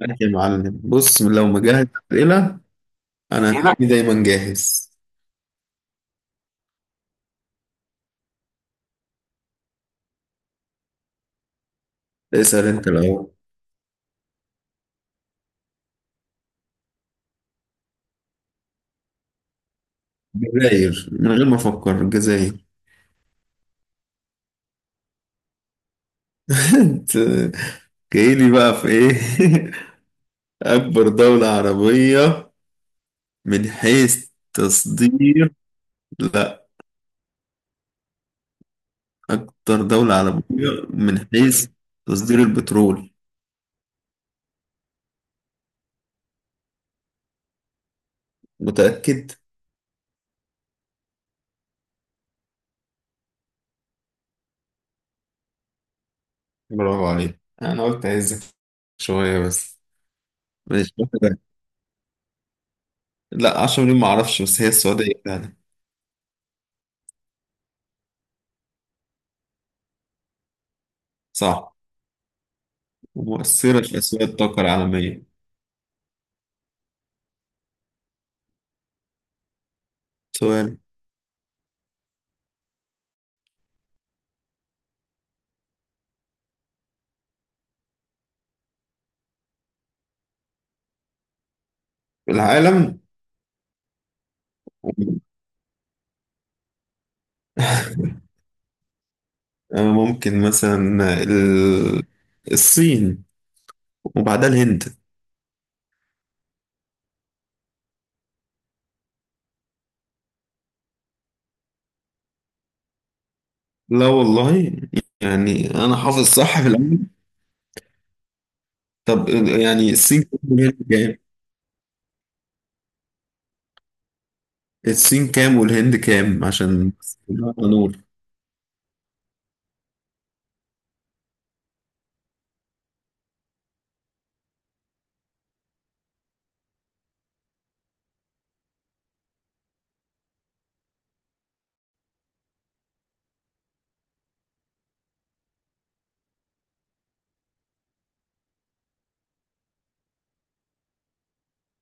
ماشي يا معلم، بص لو مجهز أسئلة. أنا أسئلة هتلاقيني دايما جاهز. اسأل أنت الأول. جزاير، من غير ما أفكر الجزاير أنت جايلي بقى في إيه؟ أكبر دولة عربية من حيث تصدير. لا، أكتر دولة عربية من حيث تصدير البترول. متأكد؟ برافو عليك، أنا قلت أهزك شوية بس. ماشي واحدة. لا، 10 مليون معرفش، بس هي السعودية فعلا. صح، ومؤثرة في أسواق الطاقة العالمية. سؤال. العالم. ممكن مثلا الصين وبعدها الهند. لا والله، يعني أنا حافظ صح في الأول. طب يعني الصين كام والهند كام؟ الصين كام والهند كام عشان بس نبقى نور.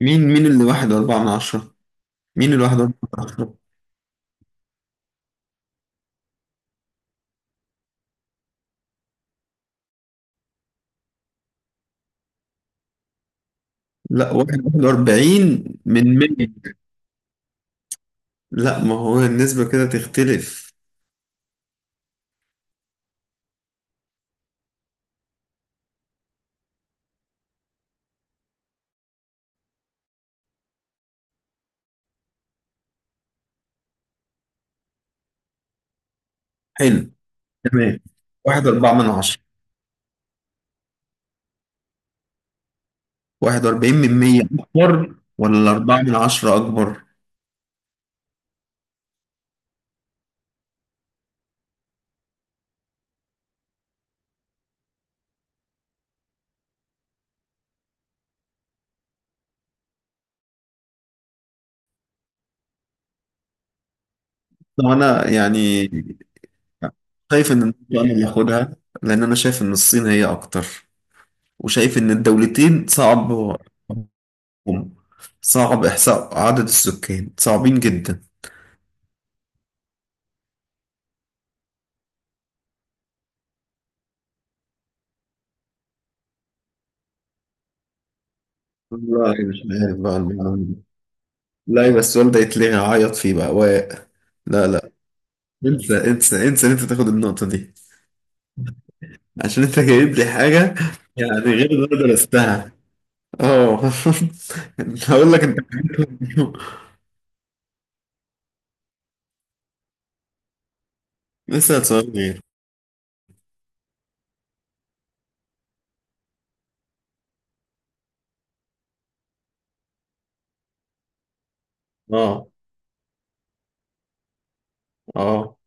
مين اللي واحد أربعة من عشرة؟ مين الواحد أربعة من عشرة؟ لا، واحد واحد وأربعين من مية. لا، ما هو النسبة كده تختلف. حلو. تمام. واحد أربعة من عشرة. 41 من 100 أكبر ولا 4 من 10 أكبر؟ طبعا أنا يعني شايف إن النقطة أنا اللي هاخدها، لأن أنا شايف إن الصين هي أكتر، وشايف إن الدولتين صعب إحصاء عدد السكان صعبين جدا. والله مش عارف بقى المعلومة دي. لا بس السؤال ده يتلغي، عيط فيه بقى و... لا، لا، انسى انسى انسى ان انت تاخد النقطة دي، عشان انت جايب لي حاجة يعني غير اللي انا درستها. اه. هقول لك انت. اسال سؤال غير. اه. اه.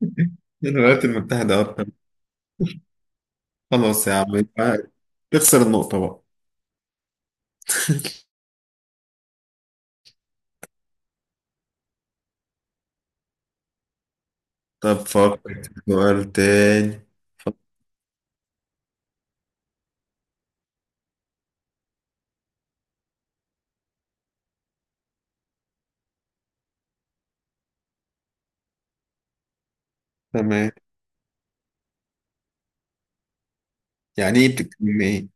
الولايات المتحدة أكتر. خلاص يا عم، يبقى تخسر النقطة بقى. طب فكر في سؤال تاني، فكر- تمام. يعني ايه، بتتكلم ايه؟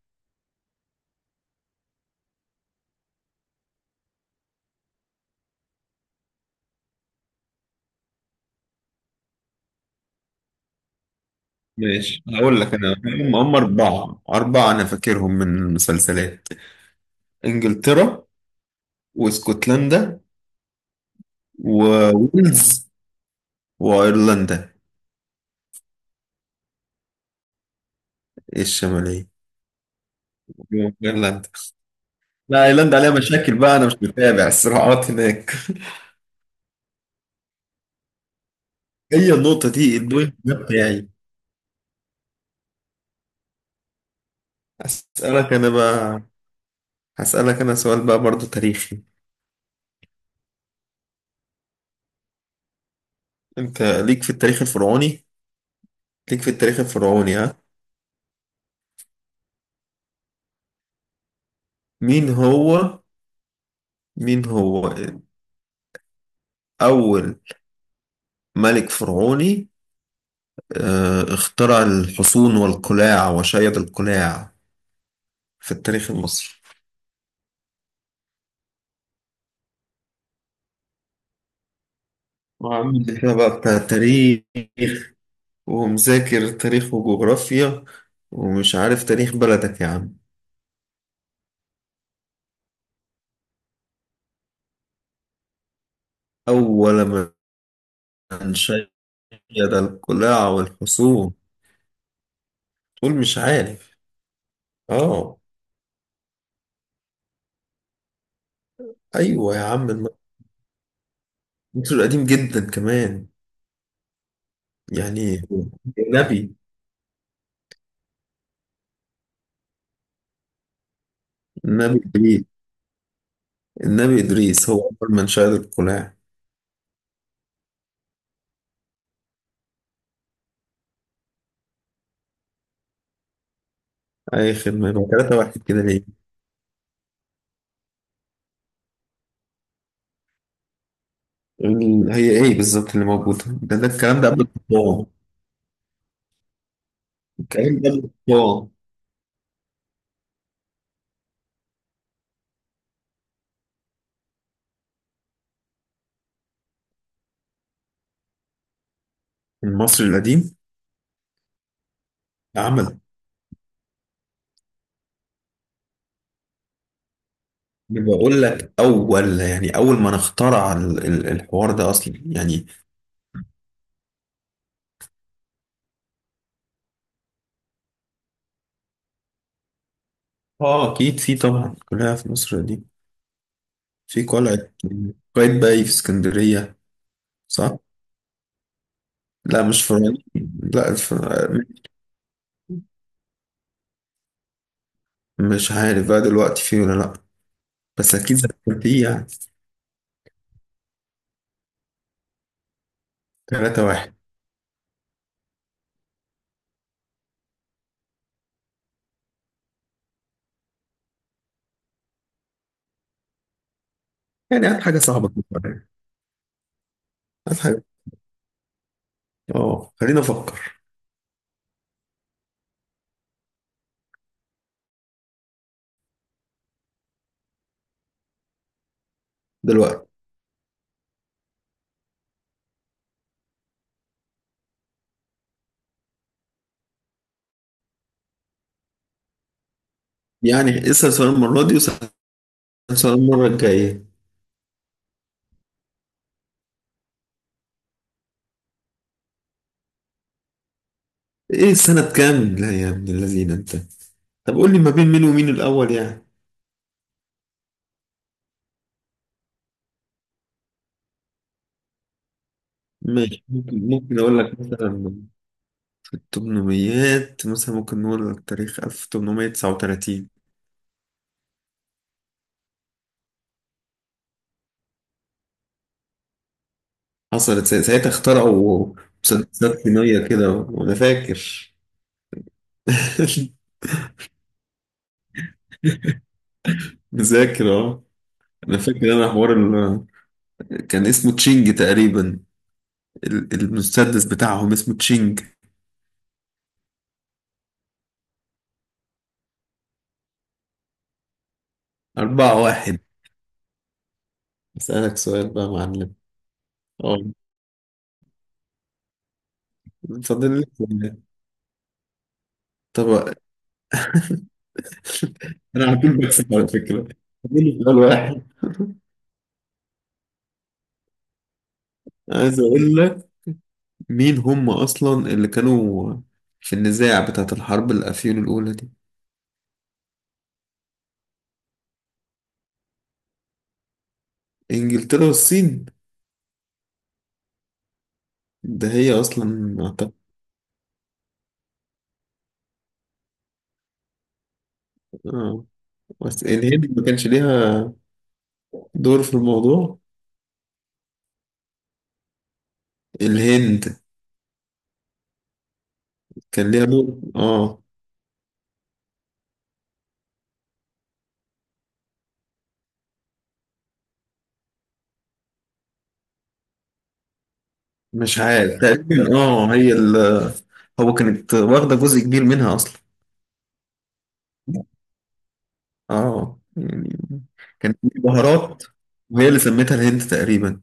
ماشي، هقول لك انا هم أربعة، أنا فاكرهم من المسلسلات. إنجلترا، واسكتلندا، وويلز، وأيرلندا الشمالية. إيرلندا. لا، ايرلندا عليها مشاكل بقى، انا مش متابع الصراعات هناك. هي النقطة دي، البوينت ده بتاعي. هسألك انا بقى. هسألك انا سؤال بقى برضو تاريخي. انت ليك في التاريخ الفرعوني. ليك في التاريخ الفرعوني، ها؟ مين هو مين هو اول ملك فرعوني اخترع الحصون والقلاع وشيد القلاع في التاريخ المصري؟ وعامل لي فيها بقى بتاع تاريخ، ومذاكر تاريخ وجغرافيا، ومش عارف تاريخ بلدك يا عم. أول من شيد القلاع والحصون، تقول مش عارف. آه. أيوة يا عم، مصر القديم جدا كمان. يعني النبي النبي إدريس. النبي إدريس هو أول من شيد القلاع. أي خدمة، يبقى تلاتة واحد كده ليه. هي إيه بالظبط اللي موجودة ده، ده الكلام ده قبل الطباعة. الكلام ده قبل الطباعة. المصري القديم عمل. بقول لك أول، يعني أول من اخترع الحوار ده أصلا يعني. اه، اكيد في طبعا، كلها في مصر دي. في قلعة قايتباي في اسكندرية. صح؟ لا مش فرعين. لا، مش عارف بقى دلوقتي في ولا لا، بس اكيد زمان في يعني. ثلاثة واحد. يعني هات حاجة صعبة تفكر يعني. هات حاجة. اه، خلينا افكر. دلوقتي. يعني اسأل سؤال المرة دي، واسأل سؤال المرة الجاية. ايه سنة كام؟ لا يا ابن الذين انت. طب قول لي ما بين مين ومين الأول يعني. ماشي، ممكن اقول لك مثلا التمنميات، مثلا ممكن نقول التاريخ 1839. حصلت ساعتها اخترعوا مسدسات صينية كده، وأنا فاكر. مذاكر، اه. أنا فاكر أنا حوار كان اسمه تشينج تقريبا. المسدس بتاعهم اسمه تشينج. أربعة واحد. أسألك سؤال بقى يا معلم. اه، فاضل لك سؤال. طب أنا على طول بكسب على فكرة. فاضل لي سؤال واحد. عايز أقول لك مين هم أصلا اللي كانوا في النزاع بتاعة الحرب الأفيون الأولى دي. إنجلترا والصين. ده هي أصلا أعتقد. آه. بس الهند ما كانش ليها دور في الموضوع. الهند كان ليها دور، آه. مش عارف تقريبا، آه هي ال هو كانت واخدة جزء كبير منها أصلا. يعني كانت بهارات، وهي اللي سميتها الهند تقريبا.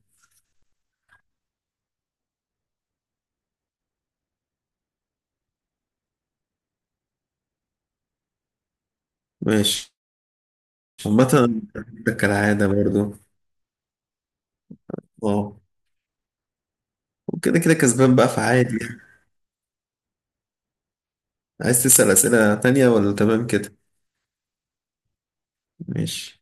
ماشي، عامة ده كالعادة برضو. اه، وكده كده كسبان بقى، فعادي يعني. عايز تسأل أسئلة تانية ولا تمام كده؟ ماشي.